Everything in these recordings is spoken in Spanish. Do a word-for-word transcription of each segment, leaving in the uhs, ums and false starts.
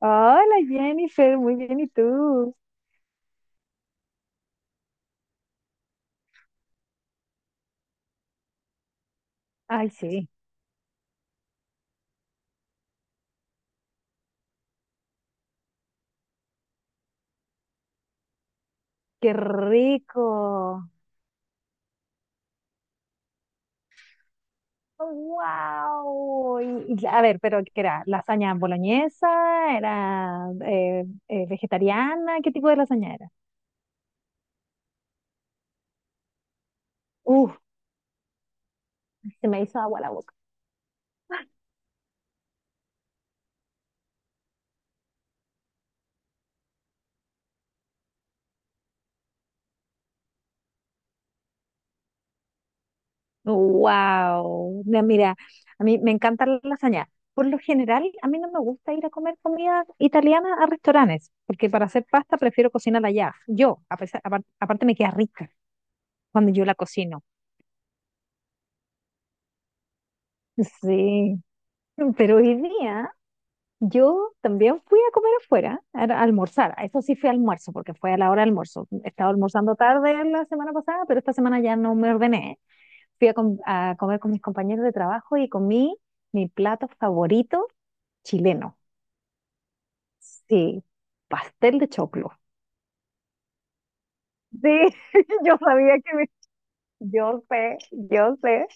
Hola Jennifer, muy bien, ¿y tú? Ay, sí. ¡Qué rico! ¡Wow! Y, y, a ver, pero ¿qué era? ¿Lasaña boloñesa? ¿Era eh, eh, vegetariana? ¿Qué tipo de lasaña era? Uf, se me hizo agua la boca. ¡Wow! Mira, a mí me encanta la lasaña. Por lo general, a mí no me gusta ir a comer comida italiana a restaurantes, porque para hacer pasta prefiero cocinarla allá. Yo, a pesar, apar- aparte me queda rica cuando yo la cocino. Sí, pero hoy día yo también fui a comer afuera, a a almorzar. A eso sí fue almuerzo, porque fue a la hora de almuerzo. Estaba almorzando tarde la semana pasada, pero esta semana ya no me ordené. Fui a, com- a comer con mis compañeros de trabajo y comí mi plato favorito chileno. Sí, pastel de choclo. Sí, yo sabía que me- Yo sé, yo sé,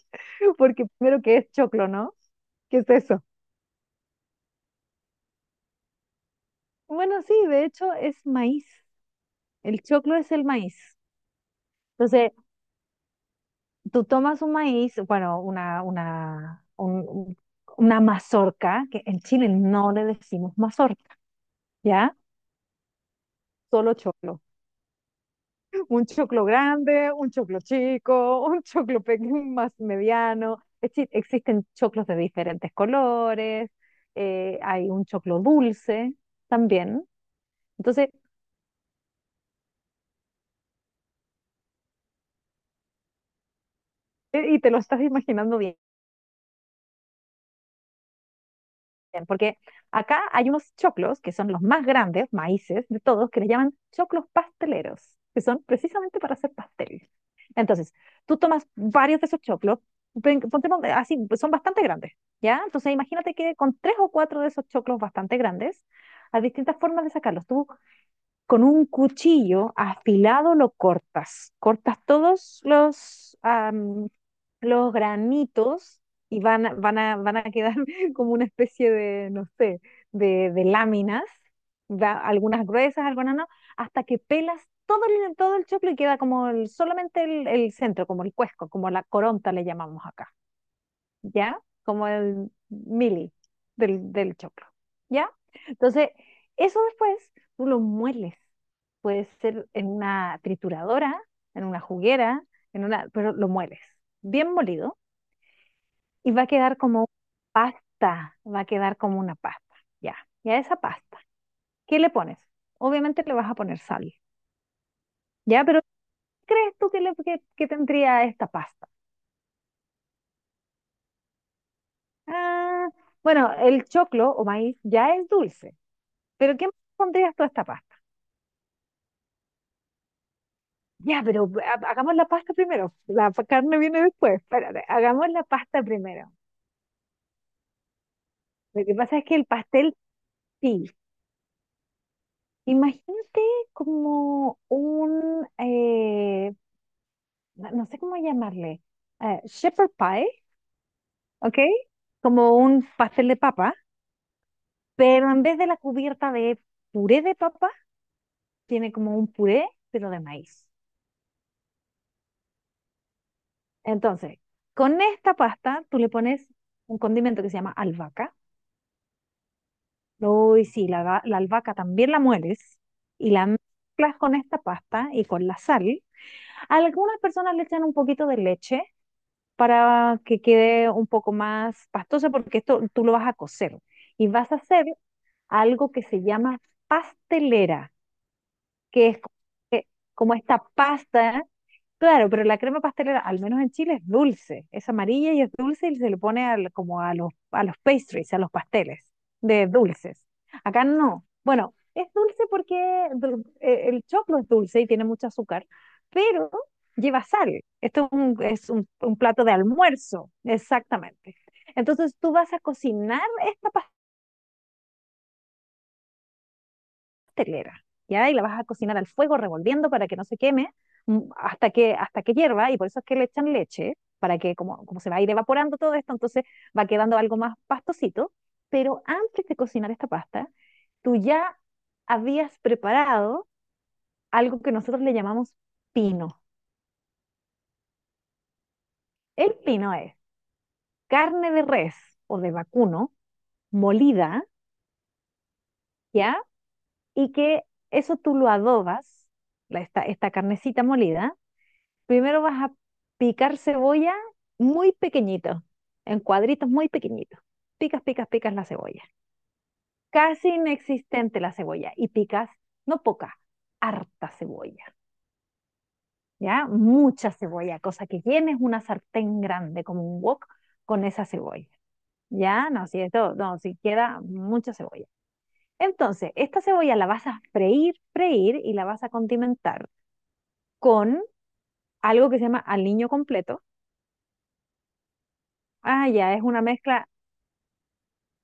porque primero que es choclo, ¿no? ¿Qué es eso? Bueno, sí, de hecho es maíz. El choclo es el maíz. Entonces, tú tomas un maíz, bueno, una, una, un- un- una mazorca, que en Chile no le decimos mazorca, ¿ya? Solo choclo. Un choclo grande, un choclo chico, un choclo pequeño, más mediano. Es decir, existen choclos de diferentes colores, eh, hay un choclo dulce también. Entonces, eh, y te lo estás imaginando bien porque acá hay unos choclos que son los más grandes, maíces de todos, que les llaman choclos pasteleros, que son precisamente para hacer pastel. Entonces, tú tomas varios de esos choclos, pen- ponte pon- así, pues son bastante grandes, ¿ya? Entonces, imagínate que con tres o cuatro de esos choclos bastante grandes, hay distintas formas de sacarlos. Tú con un cuchillo afilado lo cortas, cortas todos los, los granitos y van, a- van a, van a quedar como una especie de, no sé, de, de láminas, va- algunas gruesas, algunas no, hasta que pelas todo el, todo el choclo y queda como el- solamente el, el centro, como el cuesco, como la coronta le llamamos acá, ¿ya? Como el mili del, del choclo, ¿ya? Entonces, eso después tú lo mueles. Puede ser en una trituradora, en una juguera, en una, pero lo mueles, bien molido y va a quedar como pasta, va a quedar como una pasta. Ya, ya esa pasta. ¿Qué le pones? Obviamente le vas a poner sal. Ya, pero ¿qué crees tú que, le- que- que tendría esta pasta? Ah, bueno, el choclo o maíz ya es dulce, pero ¿qué más pondrías tú a esta pasta? Ya, pero ha- hagamos la pasta primero. La pa- carne viene después. Espérate, hagamos la pasta primero. Lo que pasa es que el pastel sí. Imagínate como un eh, no no sé cómo llamarle, eh, shepherd pie, ¿ok? Como un pastel de papa, pero en vez de la cubierta de puré de papa, tiene como un puré, pero de maíz. Entonces, con esta pasta tú le pones un condimento que se llama albahaca. Uy, sí, la, da- la albahaca también la mueles y la mezclas con esta pasta y con la sal. Algunas personas le echan un poquito de leche para que quede un poco más pastosa porque esto tú lo vas a cocer y vas a hacer algo que se llama pastelera, que es como que- como esta pasta, claro, pero la crema pastelera, al menos en Chile, es dulce, es amarilla y es dulce y se le pone al- como a los, a los pastries, a los pasteles de dulces. Acá no. Bueno, es dulce porque dul- eh, el choclo es dulce y tiene mucho azúcar, pero lleva sal. Esto es un, es un un plato de almuerzo, exactamente. Entonces tú vas a cocinar esta pastelera telera, ¿ya? Y la vas a cocinar al fuego revolviendo para que no se queme mm, hasta que, hasta que hierva, y por eso es que le echan leche, para que como, como se va a ir evaporando todo esto, entonces va quedando algo más pastosito, pero antes de cocinar esta pasta, tú ya habías preparado algo que nosotros le llamamos pino. El pino es carne de res o de vacuno molida, ¿ya? Y que eso tú lo adobas, la- esta, esta carnecita molida. Primero vas a picar cebolla muy pequeñito, en cuadritos muy pequeñitos. Picas, picas, picas la cebolla. Casi inexistente la cebolla. Y picas, no poca, harta cebolla. ¿Ya? Mucha cebolla, cosa que llenes una sartén grande como un wok con esa cebolla. ¿Ya? No, si esto, no, si queda mucha cebolla. Entonces, esta cebolla la vas a freír, freír y la vas a condimentar con algo que se llama aliño completo. Ah, ya, es una mezcla.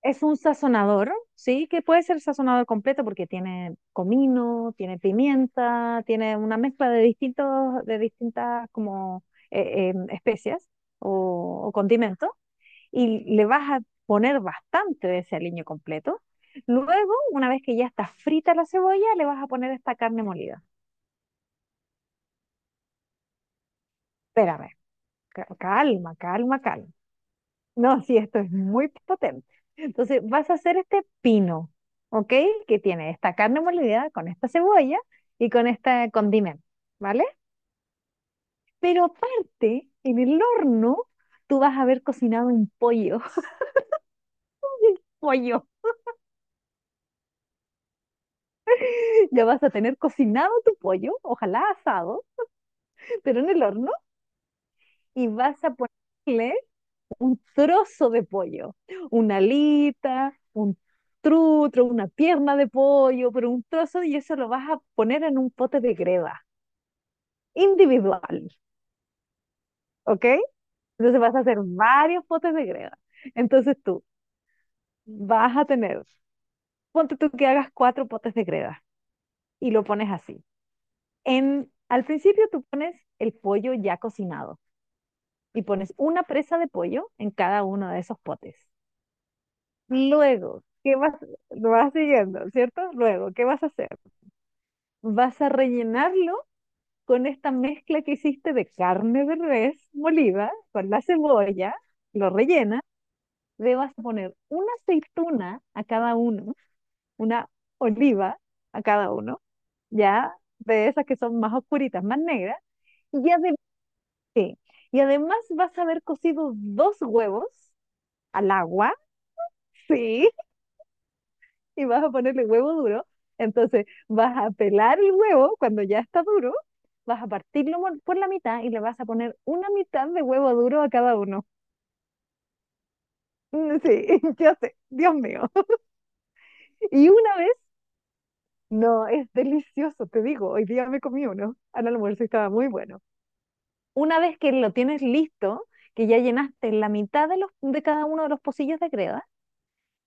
Es un sazonador, ¿sí? Que puede ser sazonador completo porque tiene comino, tiene pimienta, tiene una mezcla de distintos, de distintas como eh, eh, especias o, o condimentos y le vas a poner bastante de ese aliño completo. Luego, una vez que ya está frita la cebolla, le vas a poner esta carne molida. Espérame, ca- calma, calma, calma. No, sí, esto es muy potente. Entonces, vas a hacer este pino, ¿ok? Que tiene esta carne molida con esta cebolla y con este condimento, ¿vale? Pero aparte, en el horno, tú vas a haber cocinado un pollo, pollo. Ya vas a tener cocinado tu pollo, ojalá asado, pero en el horno, y vas a ponerle un trozo de pollo, una alita, un trutro, una pierna de pollo, pero un trozo y eso lo vas a poner en un pote de greda individual, ¿ok? Entonces vas a hacer varios potes de greda. Entonces tú vas a tener, ponte tú que hagas cuatro potes de greda y lo pones así. En, al principio tú pones el pollo ya cocinado y pones una presa de pollo en cada uno de esos potes. Luego, ¿qué vas? Lo vas siguiendo, ¿cierto? Luego, ¿qué vas a hacer? Vas a rellenarlo con esta mezcla que hiciste de carne de res molida, con la cebolla, lo rellenas, le vas a poner una aceituna a cada uno, una oliva a cada uno, ya de esas que son más oscuritas, más negras, y además, y además vas a haber cocido dos huevos al agua, sí, y vas a ponerle huevo duro. Entonces vas a pelar el huevo cuando ya está duro, vas a partirlo por por la mitad y le vas a poner una mitad de huevo duro a cada uno. Mm, sí, yo sé, Dios mío. Y una vez, no, es delicioso, te digo, hoy día me comí uno al almuerzo y estaba muy bueno. Una vez que lo tienes listo, que ya llenaste la mitad de, los, de cada uno de los pocillos de greda,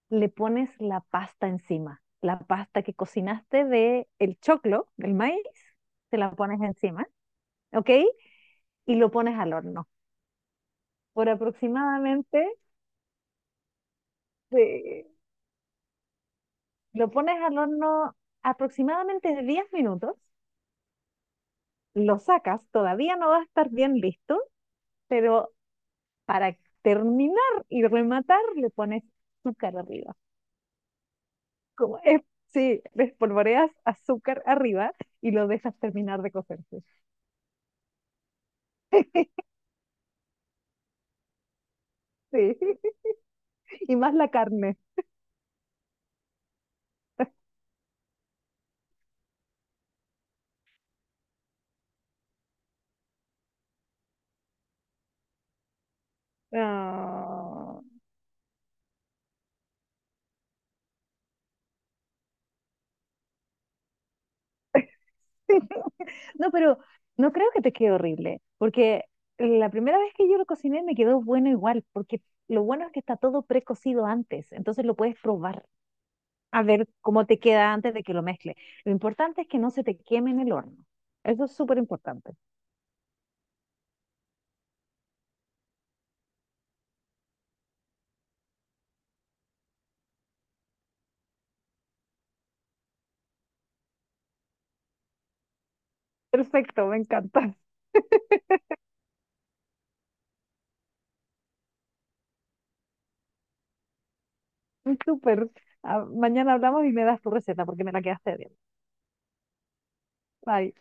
le pones la pasta encima. La pasta que cocinaste de el choclo, del maíz, te la pones encima, ¿ok? Y lo pones al horno. Por aproximadamente, eh, lo pones al horno aproximadamente de diez minutos, lo sacas, todavía no va a estar bien listo, pero para terminar y rematar le pones azúcar arriba. Como es, sí, espolvoreas azúcar arriba y lo dejas terminar de cocerse. Sí, y más la carne. No. No, pero no creo que te quede horrible, porque la primera vez que yo lo cociné me quedó bueno igual, porque lo bueno es que está todo precocido antes, entonces lo puedes probar a ver cómo te queda antes de que lo mezcle. Lo importante es que no se te queme en el horno. Eso es súper importante. Perfecto, me encanta. Súper. Ah, mañana hablamos y me das tu receta porque me la quedaste bien. Bye.